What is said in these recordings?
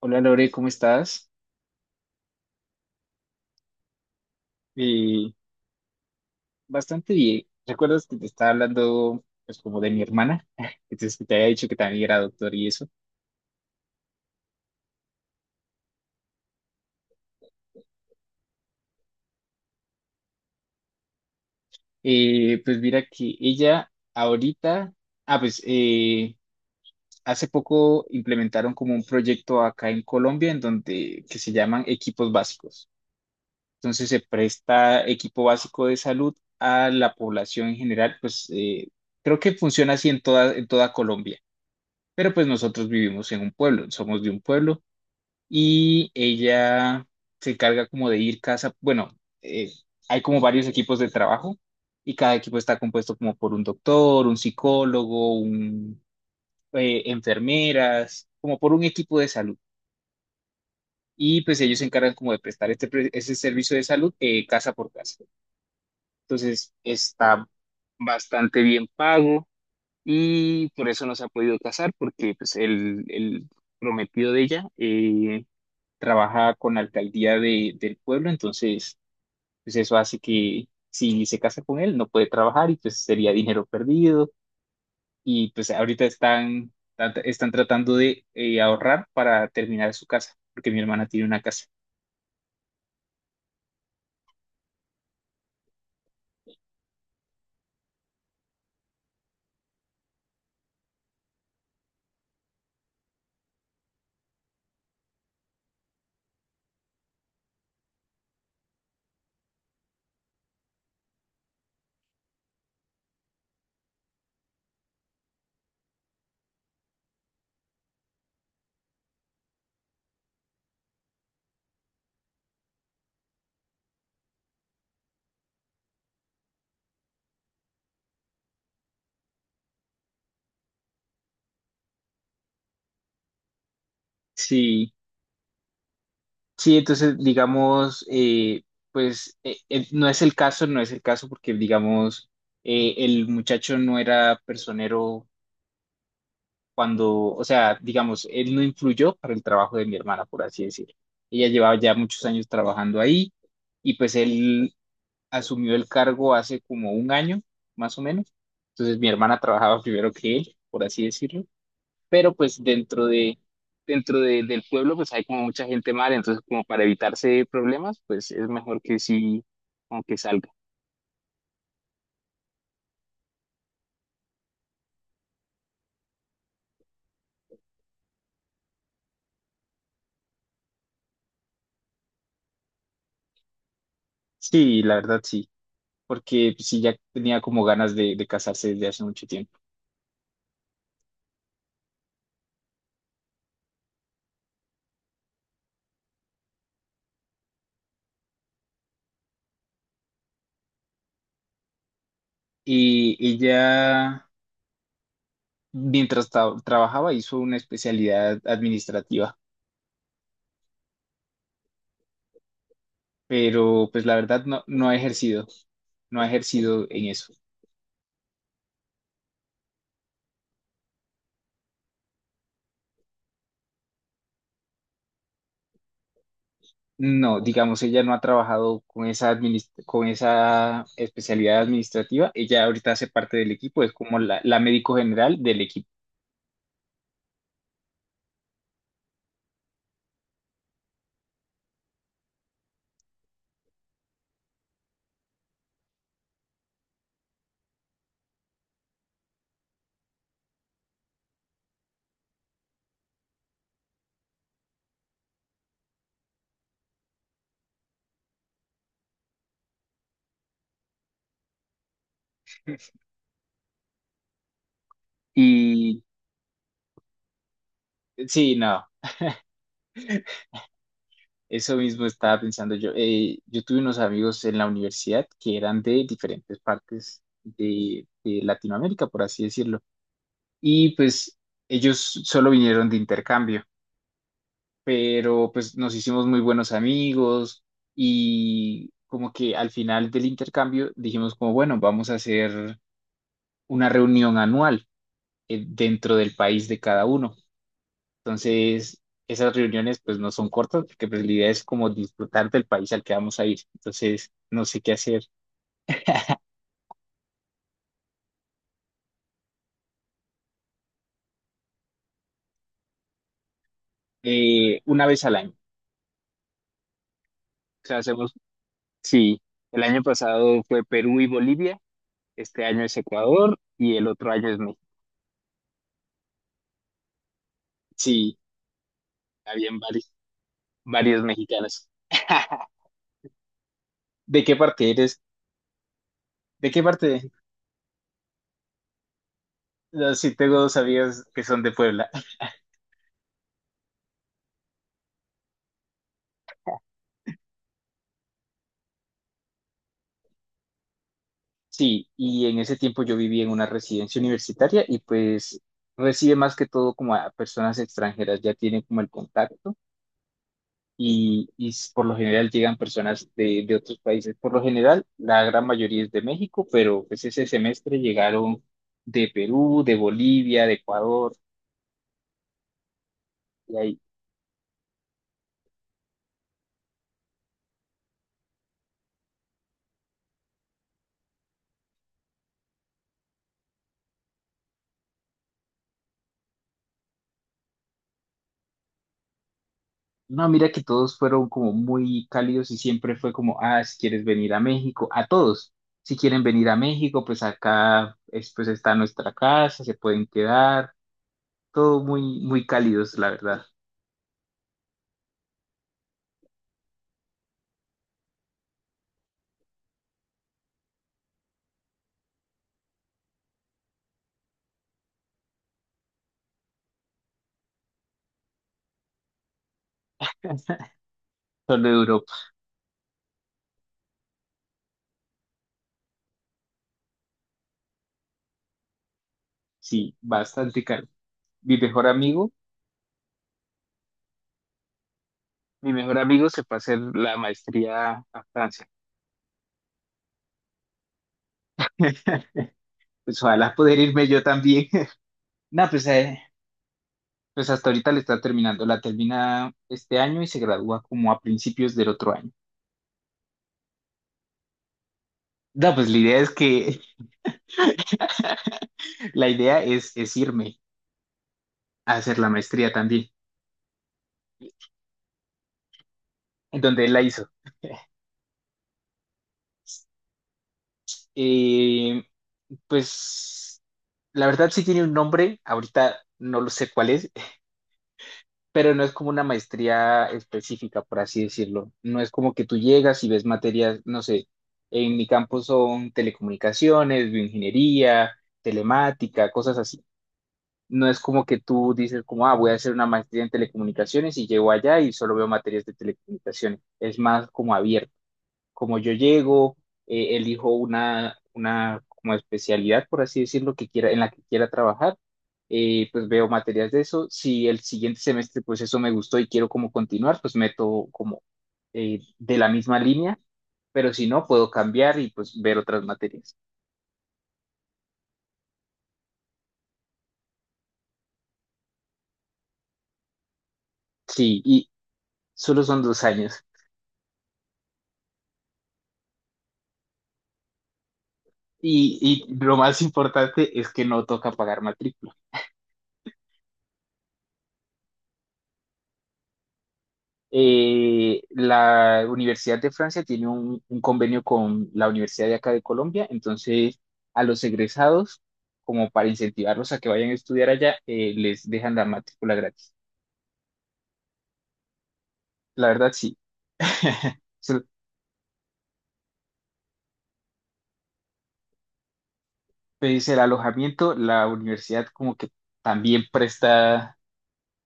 Hola, Lore, ¿cómo estás? Eh, Bastante bien. ¿Recuerdas que te estaba hablando pues como de mi hermana? Entonces que te había dicho que también era doctor y eso. Pues mira que ella ahorita, ah pues eh, hace poco implementaron como un proyecto acá en Colombia en donde que se llaman equipos básicos. Entonces se presta equipo básico de salud a la población en general, pues, creo que funciona así en en toda Colombia. Pero pues nosotros vivimos en un pueblo, somos de un pueblo. Y ella se encarga como de ir casa, bueno, eh, hay como varios equipos de trabajo y cada equipo está compuesto como por un doctor, un psicólogo, enfermeras, como por un equipo de salud. Y pues ellos se encargan como de prestar ese servicio de salud, casa por casa. Entonces está bastante bien pago y por eso no se ha podido casar porque pues el prometido de ella, trabaja con la alcaldía del pueblo, entonces pues eso hace que si se casa con él no puede trabajar y pues sería dinero perdido. Y pues ahorita están tratando de, ahorrar para terminar su casa, porque mi hermana tiene una casa. Sí, sí, entonces digamos, no es el caso, no es el caso porque digamos, el muchacho no era personero cuando, o sea, digamos, él no influyó para el trabajo de mi hermana, por así decirlo. Ella llevaba ya muchos años trabajando ahí y pues él asumió el cargo hace como un año, más o menos. Entonces mi hermana trabajaba primero que él, por así decirlo, pero pues del pueblo pues hay como mucha gente mala, entonces como para evitarse problemas, pues es mejor que sí, como que salga. Sí, la verdad sí, porque pues sí ya tenía como ganas de casarse desde hace mucho tiempo. Y ella mientras trabajaba hizo una especialidad administrativa, pero pues la verdad no ha ejercido, no ha ejercido en eso. No, digamos, ella no ha trabajado con con esa especialidad administrativa. Ella ahorita hace parte del equipo, es como la médico general del equipo. Y sí, no, eso mismo estaba pensando yo. Yo tuve unos amigos en la universidad que eran de diferentes partes de Latinoamérica, por así decirlo, y pues ellos solo vinieron de intercambio, pero pues nos hicimos muy buenos amigos y como que al final del intercambio dijimos como, bueno, vamos a hacer una reunión anual, dentro del país de cada uno. Entonces, esas reuniones pues no son cortas porque pues la idea es como disfrutar del país al que vamos a ir. Entonces, no sé qué hacer, una vez al año. O sea, hacemos, sí, el año pasado fue Perú y Bolivia. Este año es Ecuador y el otro año es México. Sí, habían varios, varios mexicanos. ¿De qué parte eres? ¿De qué parte? No, sí, tengo dos amigas que son de Puebla. Sí, y en ese tiempo yo viví en una residencia universitaria y pues recibe más que todo como a personas extranjeras, ya tienen como el contacto y, por lo general llegan personas de otros países. Por lo general, la gran mayoría es de México, pero pues ese semestre llegaron de Perú, de Bolivia, de Ecuador. No, mira que todos fueron como muy cálidos y siempre fue como, ah, si quieres venir a México, a todos, si quieren venir a México, pues pues está nuestra casa, se pueden quedar, todo muy, muy cálidos, la verdad. Solo Europa, sí, bastante caro. Mi mejor amigo, mi mejor amigo se fue a hacer la maestría a Francia. Pues ojalá poder irme yo también. No, pues, hasta ahorita le está terminando, la termina este año y se gradúa como a principios del otro año. No, pues la idea es que la idea es irme a hacer la maestría también, en donde él la hizo. Eh, pues la verdad sí tiene un nombre, ahorita no lo sé cuál es, pero no es como una maestría específica, por así decirlo. No es como que tú llegas y ves materias, no sé, en mi campo son telecomunicaciones, bioingeniería, telemática, cosas así. No es como que tú dices como, ah, voy a hacer una maestría en telecomunicaciones y llego allá y solo veo materias de telecomunicaciones. Es más como abierto. Como yo llego, elijo una como especialidad, por así decirlo, que quiera, en la que quiera trabajar, pues veo materias de eso. Si el siguiente semestre pues eso me gustó y quiero como continuar, pues meto como, de la misma línea, pero si no, puedo cambiar y pues ver otras materias. Sí, y solo son dos años. Y lo más importante es que no toca pagar matrícula. La Universidad de Francia tiene un convenio con la Universidad de acá de Colombia, entonces a los egresados, como para incentivarlos a que vayan a estudiar allá, les dejan la matrícula gratis. La verdad, sí. Se- pues el alojamiento, la universidad como que también presta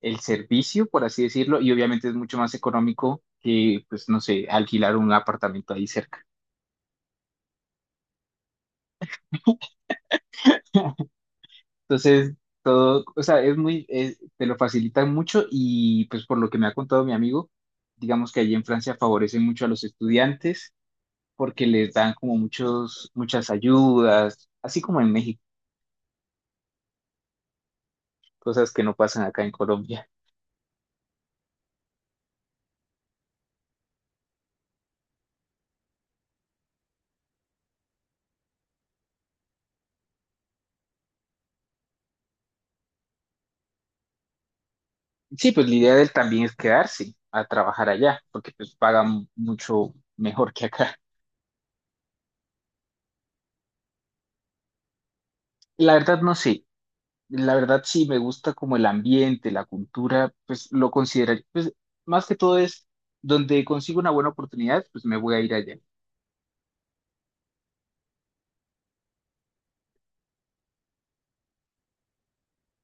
el servicio, por así decirlo, y obviamente es mucho más económico que, pues, no sé, alquilar un apartamento ahí cerca. Entonces, todo, o sea, te lo facilitan mucho y pues por lo que me ha contado mi amigo, digamos que allí en Francia favorecen mucho a los estudiantes porque les dan como muchas ayudas, así como en México, cosas que no pasan acá en Colombia. Sí, pues la idea de él también es quedarse a trabajar allá porque pues pagan mucho mejor que acá. La verdad no sé, la verdad sí me gusta como el ambiente, la cultura, pues lo consideraría, pues más que todo es donde consigo una buena oportunidad, pues me voy a ir allá.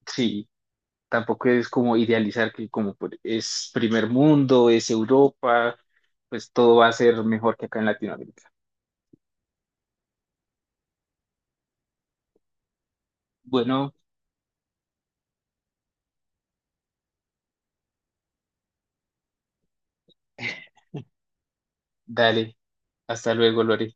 Sí, tampoco es como idealizar que es primer mundo, es Europa, pues todo va a ser mejor que acá en Latinoamérica. Bueno, dale, hasta luego, Lore.